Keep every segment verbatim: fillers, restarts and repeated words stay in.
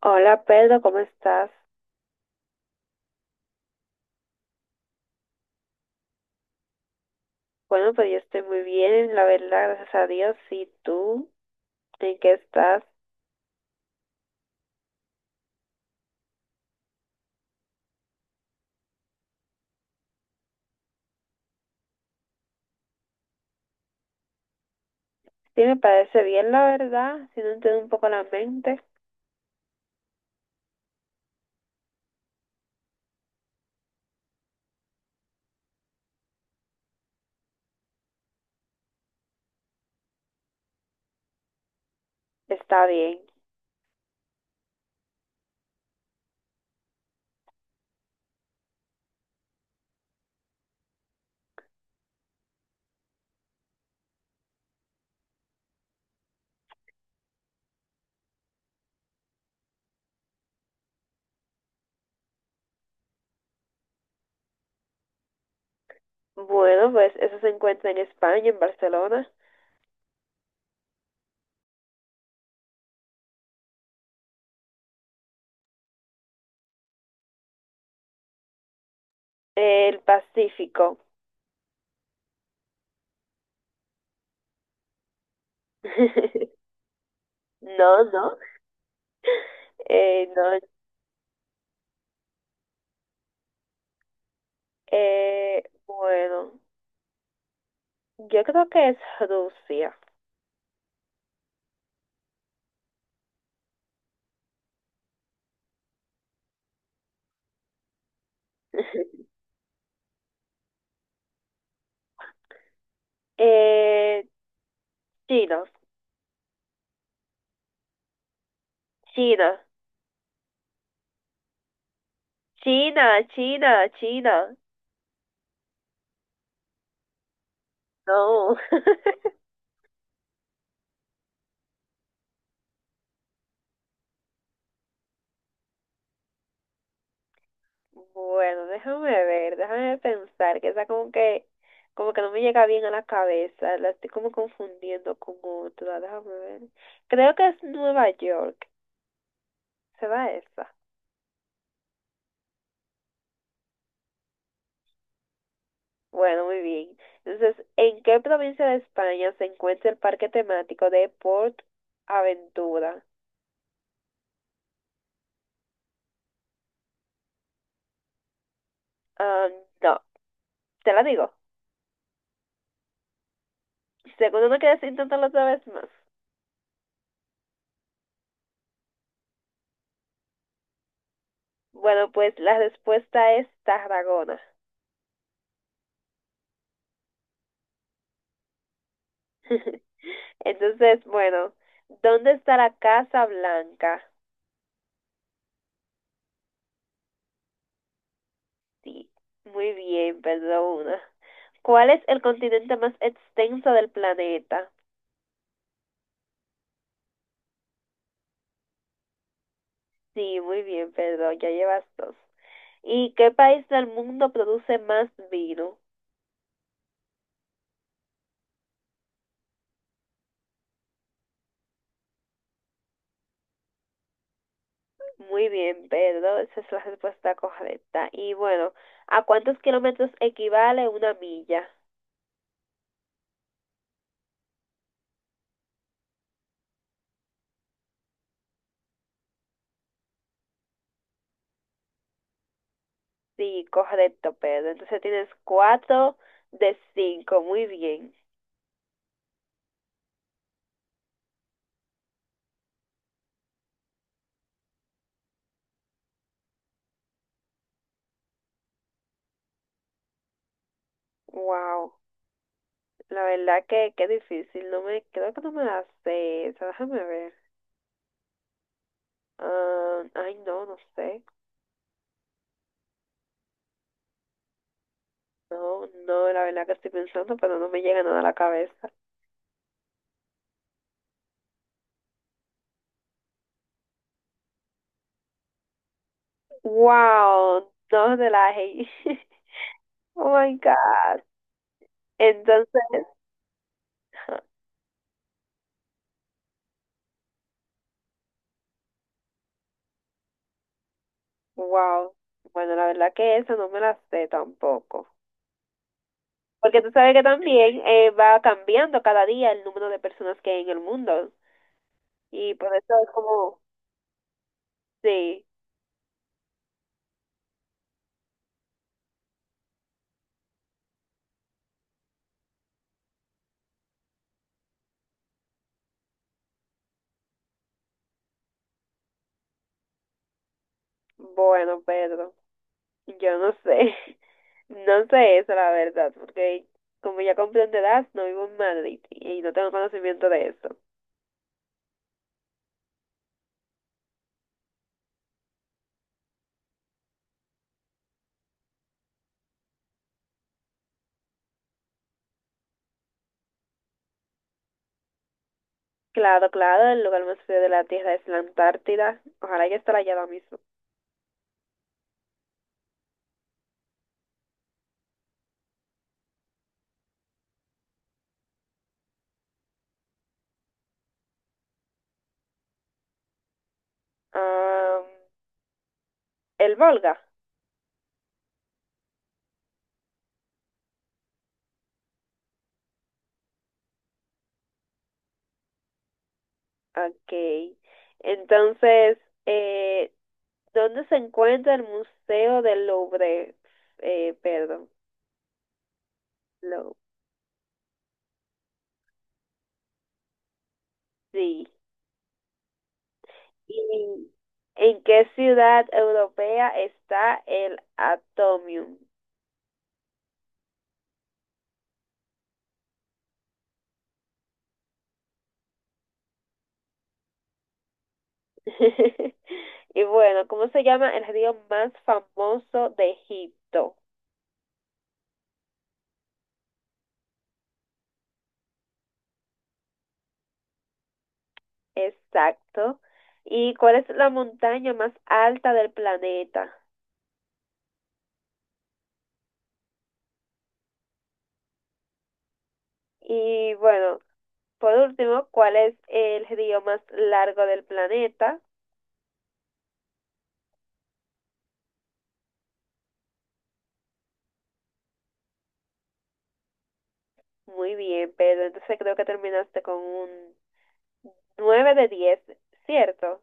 Hola Pedro, ¿cómo estás? Bueno, pues yo estoy muy bien, la verdad, gracias a Dios. ¿Y tú? ¿En qué estás? Sí, me parece bien, la verdad. Si no entiendo un poco la mente, está bien. Bueno, pues eso se encuentra en España, en Barcelona. El Pacífico. No, no. Eh, no. Eh, bueno, yo creo que es Rusia. Eh, China. China. China, China, China. No. Bueno, déjame ver, déjame pensar, que esa como que, como que no me llega bien a la cabeza, la estoy como confundiendo con otra, déjame ver. Creo que es Nueva York, ¿será esa? Bueno, muy bien. Entonces, ¿en qué provincia de España se encuentra el parque temático de Port Aventura? Ah, no, te la digo. Seguro no quieres intentarlo otra vez más. Bueno, pues la respuesta es Tarragona. Entonces, bueno, ¿dónde está la Casa Blanca? Sí, muy bien, perdona. ¿Cuál es el continente más extenso del planeta? Sí, muy bien, perdón, ya llevas dos. ¿Y qué país del mundo produce más vino? Muy bien, Pedro, esa es la respuesta correcta. Y bueno, ¿a cuántos kilómetros equivale una milla? Sí, correcto, Pedro. Entonces tienes cuatro de cinco, muy bien. Wow. La verdad que qué difícil, no me, creo que no me la sé, esa, déjame ver. Ah, ay, no, no sé. No, no, la verdad que estoy pensando, pero no me llega nada a la cabeza. Wow, no de la hey Oh my God. Entonces, ajá, wow. Bueno, la verdad que esa no me la sé tampoco. Porque tú sabes que también eh, va cambiando cada día el número de personas que hay en el mundo. Y por eso es como, sí, bueno, Pedro, yo no sé. No sé eso, la verdad, porque como ya con de no vivo en Madrid y no tengo conocimiento de eso. Claro, claro, el lugar más frío de la Tierra es la Antártida. Ojalá ya estará allá ahora mismo. Am, el Volga. Ok. Entonces, eh, ¿dónde se encuentra el Museo del Louvre? Eh, perdón, Louvre. Sí. ¿Y en qué ciudad europea está el Atomium? Y bueno, ¿cómo se llama el río más famoso de Egipto? Exacto. ¿Y cuál es la montaña más alta del planeta? Y bueno, por último, ¿cuál es el río más largo del planeta? Muy bien, pero entonces creo que terminaste con un nueve de diez, ¿cierto?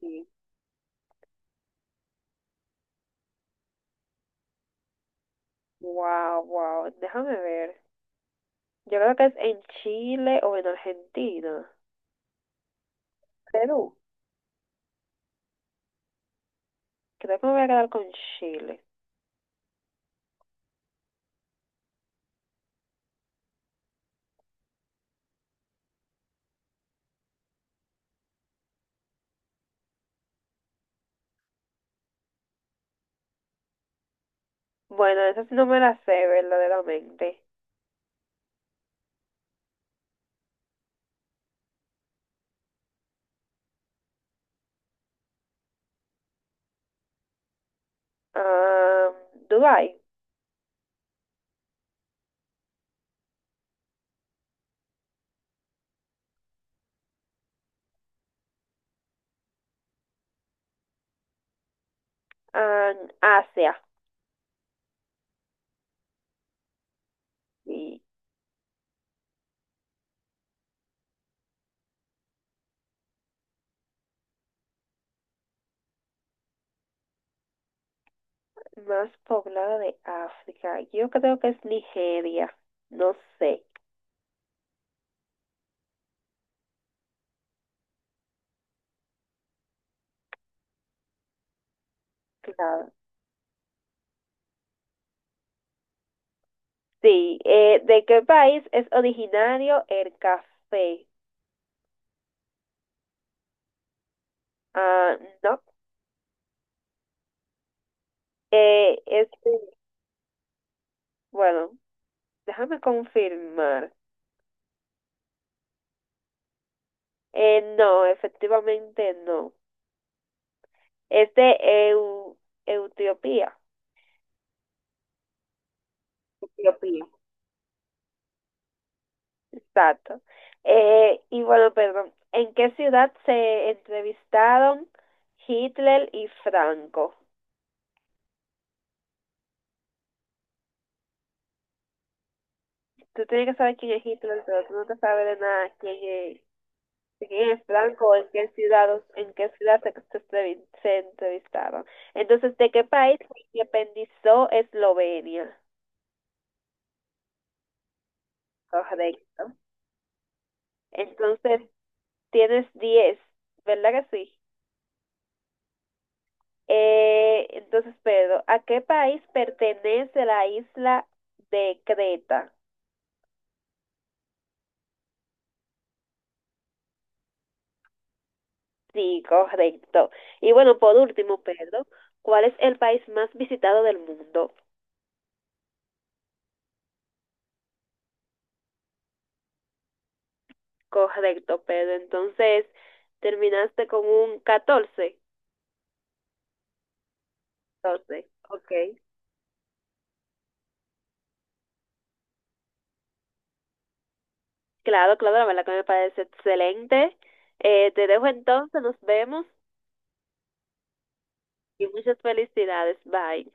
Sí. Wow, wow. Déjame ver. Yo creo que es en Chile o en Argentina. Perú. Creo que me voy a quedar con Chile. Bueno, esa sí no me la sé verdaderamente. Ah, Dubái, ah, Asia, y más poblada de África. Yo creo que es Nigeria, no sé, claro. Sí, eh, ¿de qué país es originario el café? Ah, no, eh, es, bueno, déjame confirmar. Eh, no, efectivamente no. Es de Eu- Etiopía. Etiopía. Exacto. Eh, y bueno, perdón, ¿en qué ciudad se entrevistaron Hitler y Franco? Tú tienes que saber quién es Hitler, pero tú no te sabes de nada quién es, de quién es Franco o en qué ciudad, en qué ciudad se, se entrevi- se entrevistaron. Entonces, ¿de qué país se independizó Eslovenia? Correcto. Entonces, tienes diez. ¿Verdad que sí? Eh, entonces, Pedro, ¿a qué país pertenece la isla de Creta? Sí, correcto. Y bueno, por último, Pedro, ¿cuál es el país más visitado del mundo? Correcto, Pedro. Entonces, terminaste con un catorce. catorce, ok. Claro, claro, la verdad que me parece excelente. Eh, te dejo entonces, nos vemos y muchas felicidades. Bye.